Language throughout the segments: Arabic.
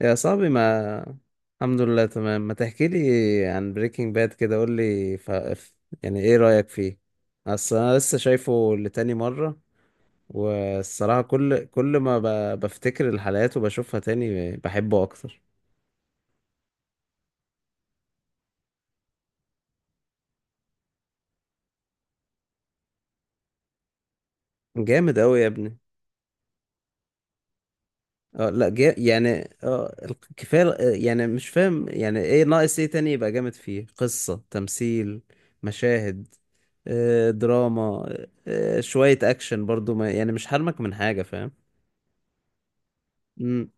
يا صاحبي. ما الحمد لله، تمام. ما تحكي لي عن بريكنج باد كده، قول لي يعني، ايه رأيك فيه؟ اصل انا لسه شايفه لتاني مرة، والصراحة كل ما بفتكر الحلقات وبشوفها تاني بحبه اكتر. جامد قوي يا ابني. اه، لا، يعني. اه كفاية، اه، يعني مش فاهم، يعني ايه ناقص، ايه تاني يبقى جامد فيه؟ قصة، تمثيل، مشاهد، اه، دراما، اه، شوية اكشن برضو، ما يعني مش حرمك من حاجة، فاهم؟ امم.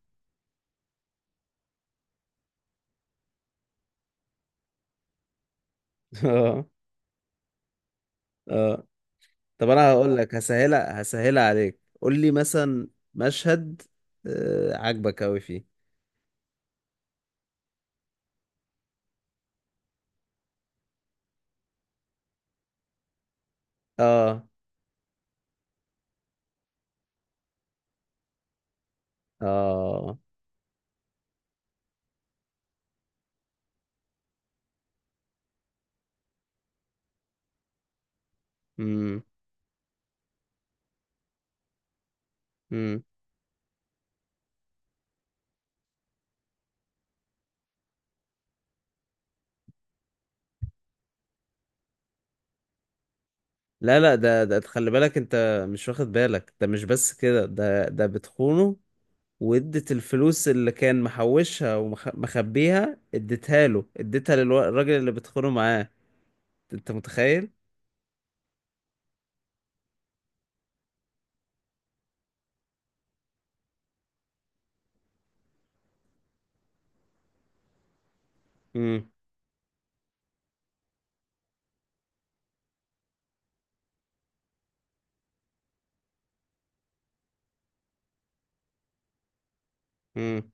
اه. اه. طب انا هقول لك، هسهلها هسهلها عليك، قول لي مثلا مشهد آه عاجبك قوي فيه. اه. اه. امم. امم. لا، لا، ده خلي بالك، انت مش واخد بالك، ده مش بس كده، ده بتخونه، وادت الفلوس اللي كان محوشها ومخبيها، اديتها له، اديتها للراجل اللي بتخونه معاه، انت متخيل؟ امم. امم.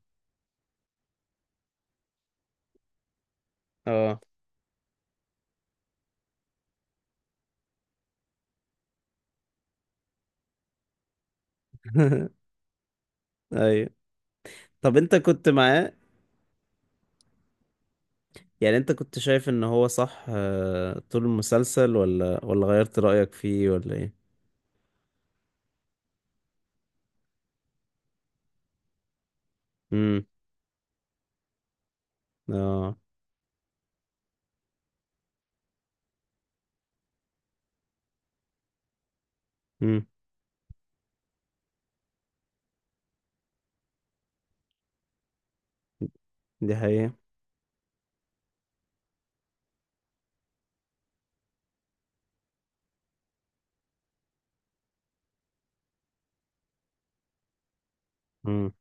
اه. ايوه. طب انت كنت معاه؟ يعني انت كنت شايف ان هو صح، آه، طول المسلسل؟ ولا غيرت رأيك فيه، ولا ايه؟ امم. اه. امم. دي حقيقة. امم.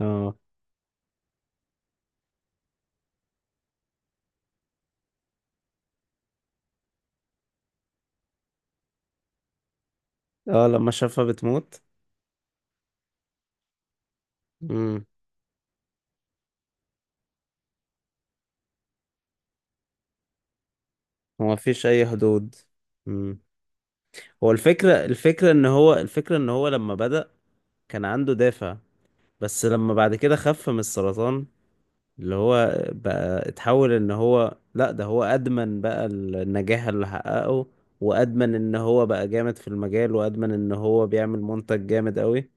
اه. اه لما شافها بتموت. امم. هو مفيش اي حدود. امم. هو الفكرة ان هو، الفكرة ان هو لما بدأ كان عنده دافع، بس لما بعد كده خف من السرطان، اللي هو بقى اتحول، ان هو لا، ده هو ادمن بقى النجاح اللي حققه، وادمن ان هو بقى جامد في المجال، وادمن ان هو بيعمل منتج جامد قوي.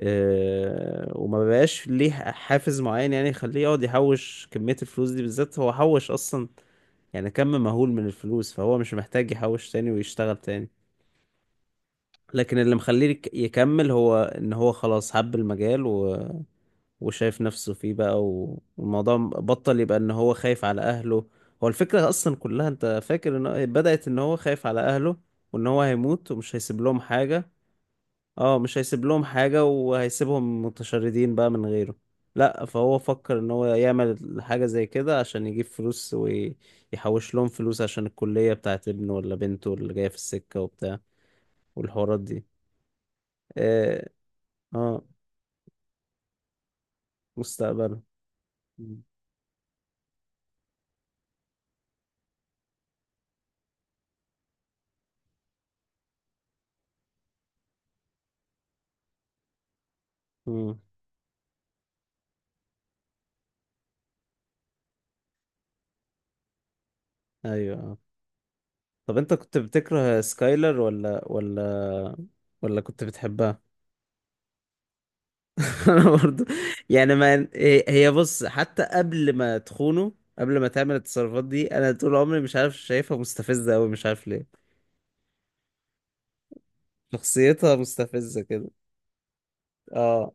اه، وما بقاش ليه حافز معين، يعني يخليه يقعد يحوش كمية الفلوس دي بالذات، هو حوش اصلا يعني كم مهول من الفلوس، فهو مش محتاج يحوش تاني ويشتغل تاني. لكن اللي مخليه يكمل، هو ان هو خلاص حب المجال وشايف نفسه فيه بقى، والموضوع بطل يبقى ان هو خايف على اهله. هو الفكرة اصلا كلها، انت فاكر بدأت ان هو خايف على اهله، وان هو هيموت ومش هيسيب لهم حاجة. اه، مش هيسيب لهم حاجة، وهيسيبهم متشردين بقى من غيره. لا، فهو فكر ان هو يعمل حاجة زي كده عشان يجيب فلوس ويحوش لهم فلوس، عشان الكلية بتاعت ابنه ولا بنته اللي جاية في السكة وبتاع، والحوارات دي. اه, آه، مستقبله. مم. مم. ايوه. طب انت كنت بتكره سكايلر، ولا كنت بتحبها؟ انا برضو. يعني، ما هي بص، حتى قبل ما تخونه، قبل ما تعمل التصرفات دي، انا طول عمري مش عارف شايفها مستفزة قوي، مش عارف ليه. شخصيتها مستفزة كده، اه.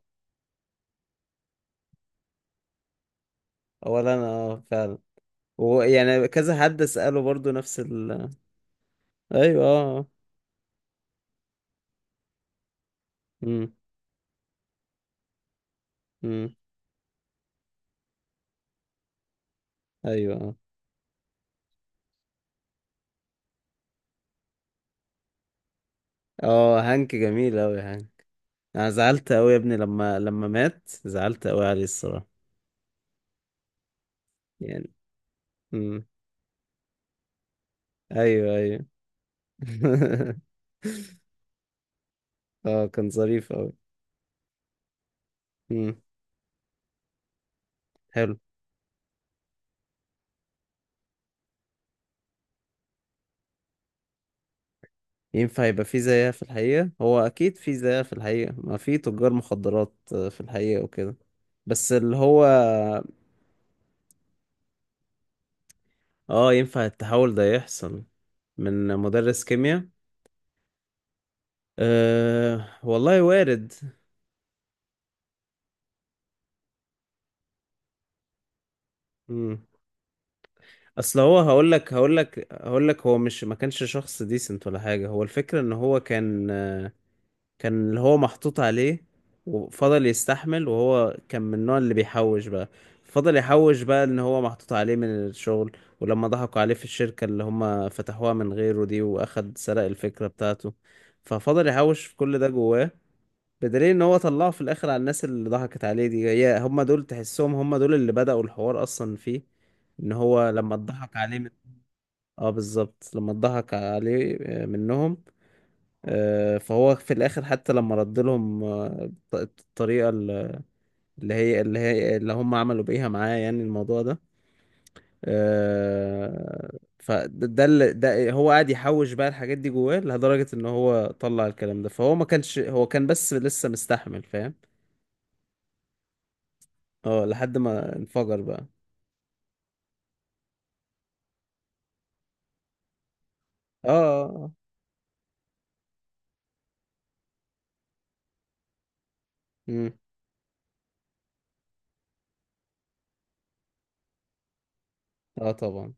اولا انا، اه، فعلا، ويعني كذا حد اساله برضو نفس ال، ايوه، اه. امم. امم. ايوه. اه. اه، هانك جميل اوي هانك. انا زعلت اوي يا ابني، لما مات، زعلت اوي عليه الصراحة. يعني، امم. ايوه، ايوه. اه، كان ظريف اوي. امم. حلو. ينفع يبقى في زيها في الحقيقة؟ هو اكيد في زيها في الحقيقة، ما في تجار مخدرات، آه، في الحقيقة وكده. بس اللي هو، اه، ينفع التحول ده يحصل، من مدرس كيمياء، أه والله وارد. مم. اصل هو هقول لك هو مش، ما كانش شخص ديسنت ولا حاجة، هو الفكرة ان هو كان اللي هو محطوط عليه، وفضل يستحمل، وهو كان من النوع اللي بيحوش بقى، فضل يحوش بقى ان هو محطوط عليه من الشغل، ولما ضحكوا عليه في الشركة اللي هم فتحوها من غيره دي، واخد سرق الفكرة بتاعته، ففضل يحوش في كل ده جواه. بدليل ان هو طلعه في الاخر على الناس اللي ضحكت عليه دي، هي هم دول، تحسهم هم دول اللي بدأوا الحوار اصلا فيه، ان هو لما اتضحك عليه اه، بالظبط، لما اتضحك عليه، آه، منهم، آه، فهو في الاخر حتى لما رد لهم، آه، الطريقه اللي هي اللي هم عملوا بيها معاه، يعني الموضوع ده، آه، فده ده هو قاعد يحوش بقى الحاجات دي جواه، لدرجه ان هو طلع الكلام ده، فهو ما كانش، هو كان بس لسه مستحمل، فاهم؟ اه لحد ما انفجر بقى. اه. اه. اه. مم. آه طبعا.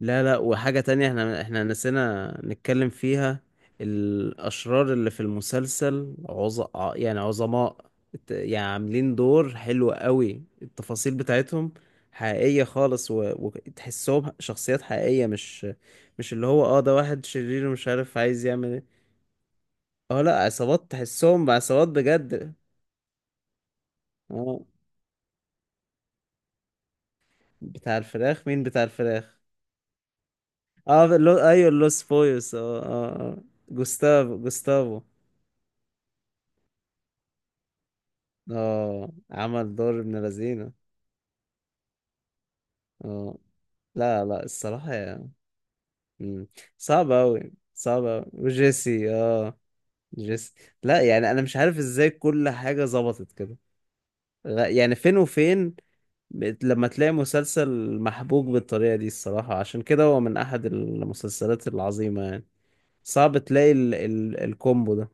لا لا، وحاجة تانية، احنا نسينا نتكلم فيها، الأشرار اللي في المسلسل يعني عظماء، يعني عاملين دور حلو قوي، التفاصيل بتاعتهم حقيقية خالص، وتحسهم شخصيات حقيقية، مش اللي هو، اه ده واحد شرير ومش عارف عايز يعمل ايه. اه، لا، عصابات تحسهم عصابات بجد. اه، بتاع الفراخ مين بتاع الفراخ؟ اه، ايوه اللوس بويوس. اه اه اه. جوستافو، جوستافو. اه، عمل دور ابن لذينه. اه، لا لا الصراحة مم. صعب أوي صعب أوي، وجيسي، اه، جيسي. لا يعني أنا مش عارف ازاي كل حاجة ظبطت كده، يعني فين وفين، لما تلاقي مسلسل محبوك بالطريقة دي، الصراحة عشان كده هو من أحد المسلسلات العظيمة يعني، صعب تلاقي ال الكومبو ده.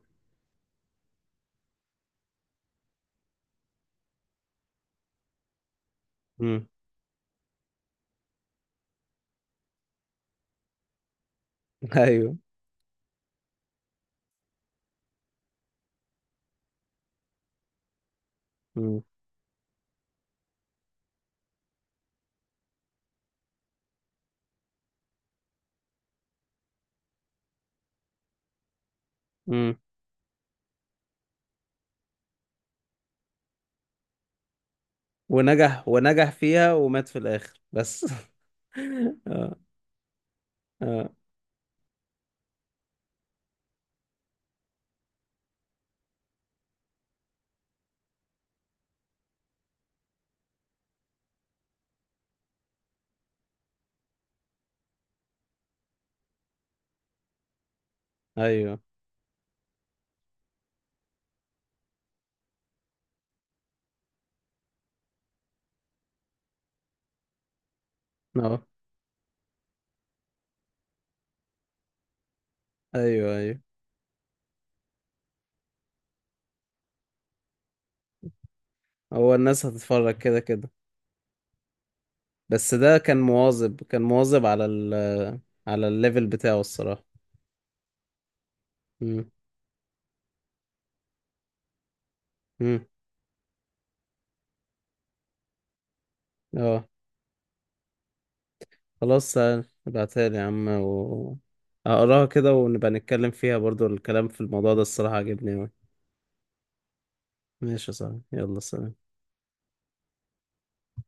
مم. أيوه. مم. مم. ونجح، ونجح فيها، ومات في الآخر، بس. اه. اه. ايوه. اه. ايوه، ايوه، هو الناس هتتفرج كده كده. بس ده كان مواظب، كان مواظب على الليفل بتاعه الصراحة. امم. امم. اه. خلاص، ابعتها لي يا عم، و هقراها كده، ونبقى نتكلم فيها برضو، الكلام في الموضوع ده الصراحة عجبني أوي. ماشي يا صاحبي، يلا سلام.